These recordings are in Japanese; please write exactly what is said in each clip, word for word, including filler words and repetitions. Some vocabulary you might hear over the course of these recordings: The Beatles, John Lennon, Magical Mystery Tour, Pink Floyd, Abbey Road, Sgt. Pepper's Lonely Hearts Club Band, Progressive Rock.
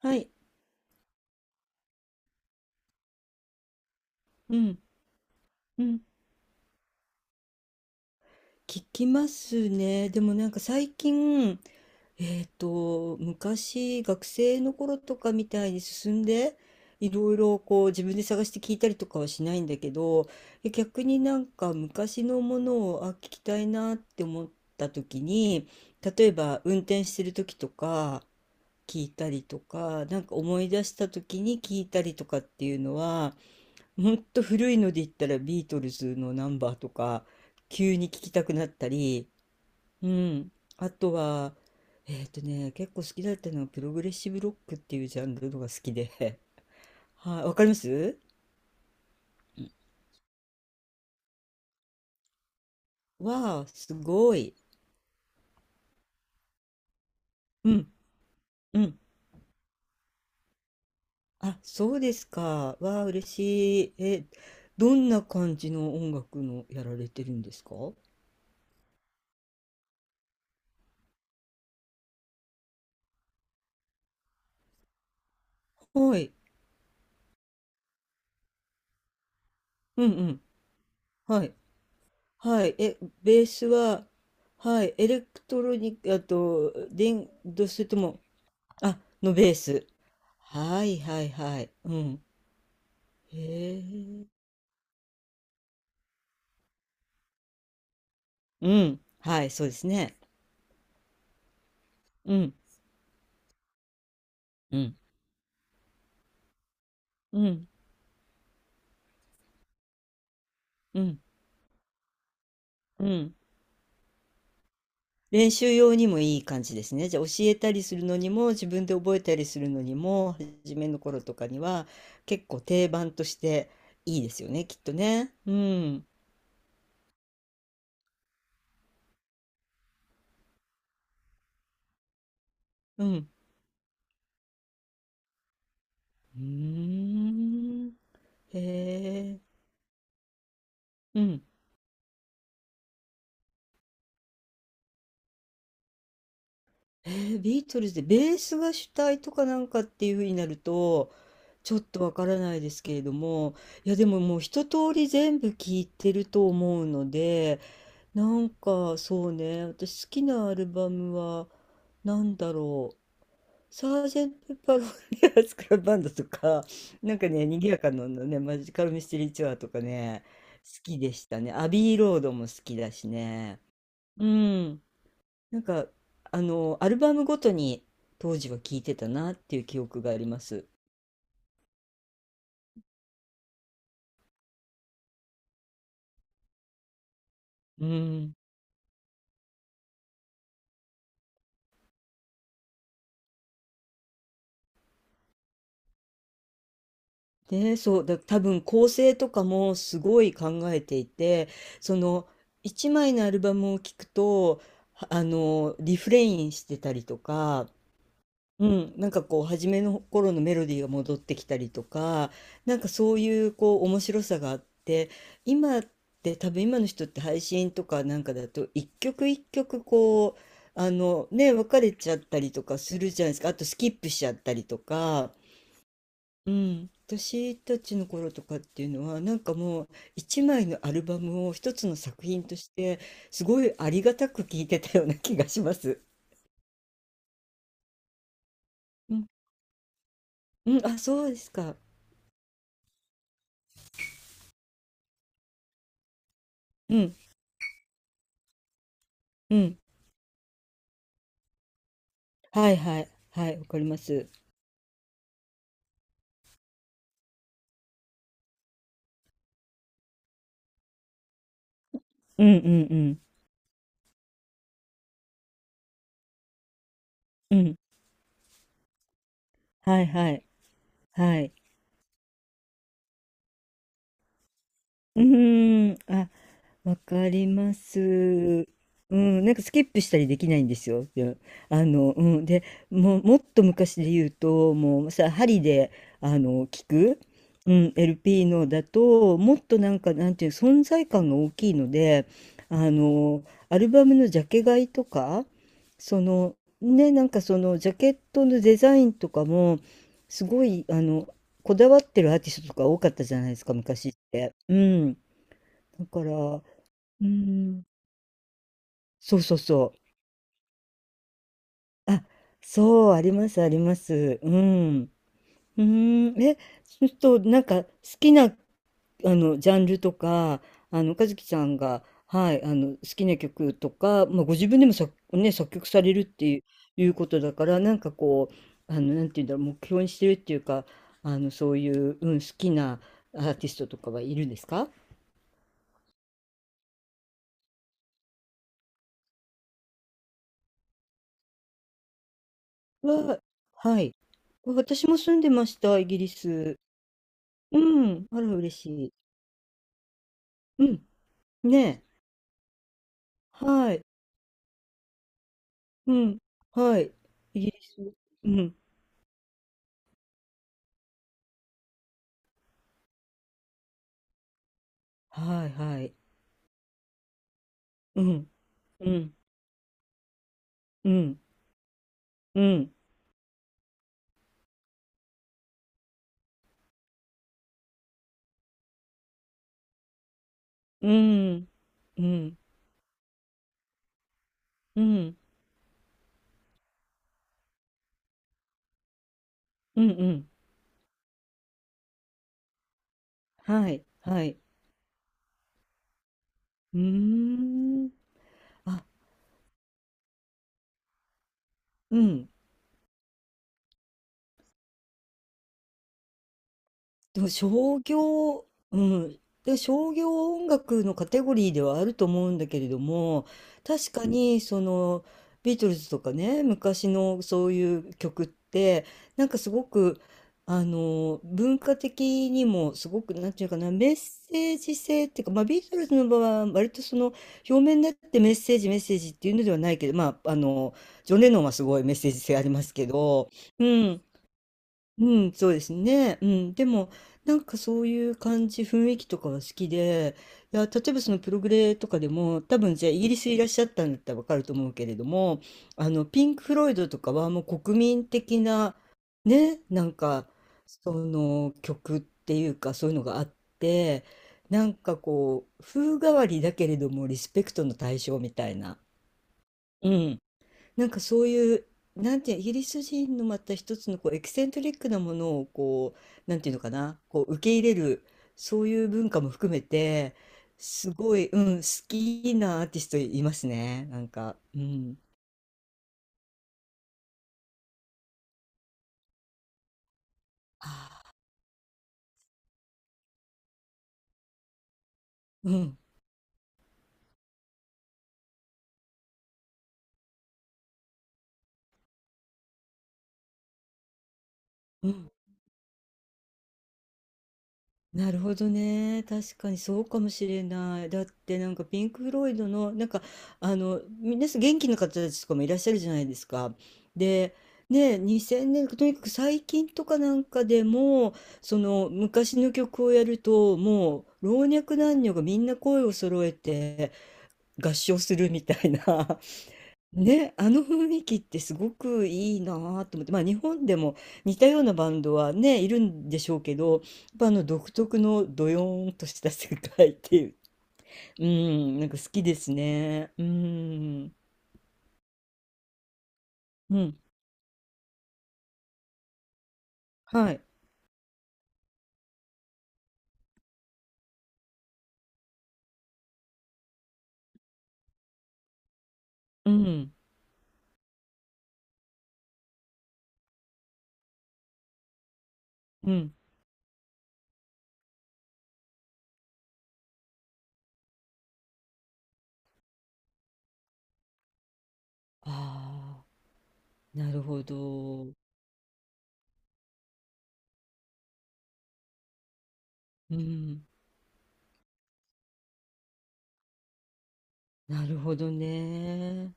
はい、うん、うん、聞きますね。でもなんか最近、えっと、昔学生の頃とかみたいに進んで、いろいろこう自分で探して聞いたりとかはしないんだけど、逆になんか昔のものを、あ、聞きたいなって思った時に、例えば運転してる時とか聞いたりとか、なんか思い出した時に聞いたりとかっていうのは、ほんと古いので言ったらビートルズのナンバーとか急に聞きたくなったり、うん、あとはえっとね結構好きだったのはプログレッシブロックっていうジャンルのが好きで はい、わかります。わあすごい。うんうん。あ、そうですか。わあ嬉しい。え、どんな感じの音楽のやられてるんですか。はい、うんうん、はいはい。え、ベースは、はい。エレクトロニック、あと、電、どうしてとも、あ、のベース。はいはいはい。うん。へえ。うん。はい、そうですね。うん。うん。うん。うん。うん。練習用にもいい感じですね。じゃあ教えたりするのにも、自分で覚えたりするのにも、初めの頃とかには、結構定番としていいですよね、きっとね。うん。うん。うーん。へえ。うん。えー、ビートルズで、ベースが主体とかなんかっていう風になると、ちょっとわからないですけれども、いやでももう一通り全部聞いてると思うので、なんかそうね、私好きなアルバムはなんだろう。サージェント・ペッパー・ロンリアス・クラブ・バンドとか、なんかね、賑やかなのね、マジカル・ミステリー・ツアーとかね、好きでしたね。アビー・ロードも好きだしね。うん。なんか、あの、アルバムごとに当時は聴いてたなっていう記憶があります。うん。で、そう、だ、多分構成とかもすごい考えていて、その、一枚のアルバムを聴くと、はあの、リフレインしてたりとか、うん、なんかこう初めの頃のメロディーが戻ってきたりとか、なんかそういうこう面白さがあって、今って多分今の人って配信とかなんかだと一曲一曲こうあのね別れちゃったりとかするじゃないですか。あとスキップしちゃったりとか、うん、私たちの頃とかっていうのはなんかもう一枚のアルバムを一つの作品としてすごいありがたく聴いてたような気がします。うん、うん、あ、そうですか。うん、うん。はいはい。はい、わかります。うんうんうん。うん。はいはい。はい。うーん。あ、わかります。うん、なんかスキップしたりできないんですよ。で、あの、うん、で、もう、もっと昔で言うと、もうさ、針で、あの、聞く、うん、エルピー のだと、もっとなんか、なんていう、存在感が大きいので、あの、アルバムのジャケ買いとか、その、ね、なんかその、ジャケットのデザインとかも、すごい、あの、こだわってるアーティストとか多かったじゃないですか、昔って。うん。だから、うーん、そうそうそう。あ、そう、ありますあります。うん。うーん、え、そうすると、なんか、好きな、あの、ジャンルとか、あの、和樹さんが、はい、あの、好きな曲とか、まあ、ご自分でも作、ね、作曲されるっていう、いうことだから、なんかこう、あの、なんていうんだろう、目標にしてるっていうか、あの、そういう、うん、好きなアーティストとかはいるんですか。は、はい。私も住んでました、イギリス。うん、あら、嬉しい。うん。ねえ。はい。うん。はい。イギリス。うん。はいはい。うん。うん。うん。うん。うん。うん。うん。うん。うん。はい。はい。うーん。あ、うん。でも商業、うん。で、商業音楽のカテゴリーではあると思うんだけれども、確かにそのビートルズとかね、昔のそういう曲って、なんかすごく、あの、文化的にもすごく、なんていうかな、メッセージ性っていうか、まあビートルズの場合は割とその表面になってメッセージメッセージっていうのではないけど、まあ、あの、ジョン・レノンはすごいメッセージ性ありますけど、うん。うん、そうですね。うん。でも、なんかそういう感じ、雰囲気とかは好きで、いや、例えばそのプログレとかでも、多分じゃあイギリスいらっしゃったんだったらわかると思うけれども、あの、ピンク・フロイドとかはもう国民的な、ね、なんか、その曲っていうか、そういうのがあって、なんかこう、風変わりだけれどもリスペクトの対象みたいな。うん。なんかそういう、なんていう、イギリス人のまた一つのこうエキセントリックなものをこう、なんていうのかな、こう受け入れる、そういう文化も含めて、すごい、うん、好きなアーティストいますね、なんか。うん。あ、うん、うん。なるほどね。確かにそうかもしれない。だってなんかピンク・フロイドのなんかあの皆さん元気な方たちとかもいらっしゃるじゃないですか。で、ね、にせんねんとにかく最近とかなんかでもその昔の曲をやるともう老若男女がみんな声を揃えて合唱するみたいな、ね、あの雰囲気ってすごくいいなぁと思って、まあ、日本でも似たようなバンドはね、いるんでしょうけど、やっぱあの独特のドヨーンとした世界っていう、うん、なんか好きですね。うん、うん、はい、うん、うん。ああ、なるほど。うん、なるほどね。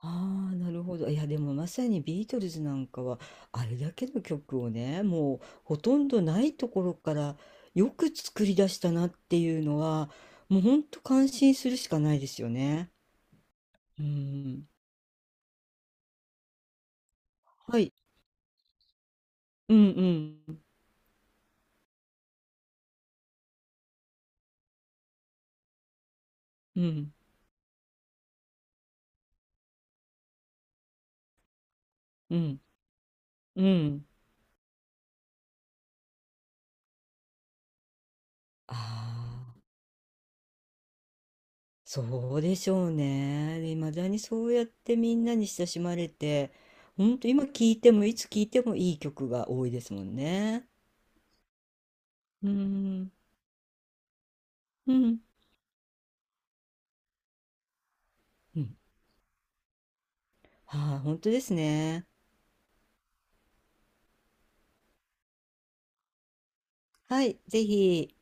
ああ、なるほど。いや、でもまさにビートルズなんかは、あれだけの曲をね、もうほとんどないところからよく作り出したなっていうのは、もうほんと感心するしかないですよね。うん。はい。うんうん。うん。うん。うん。ああ、そうでしょうね。で、未だにそうやってみんなに親しまれて、ほんと今聴いてもいつ聴いてもいい曲が多いですもんね。うん。うん。うん。ああ、本当ですね。はい、ぜひ。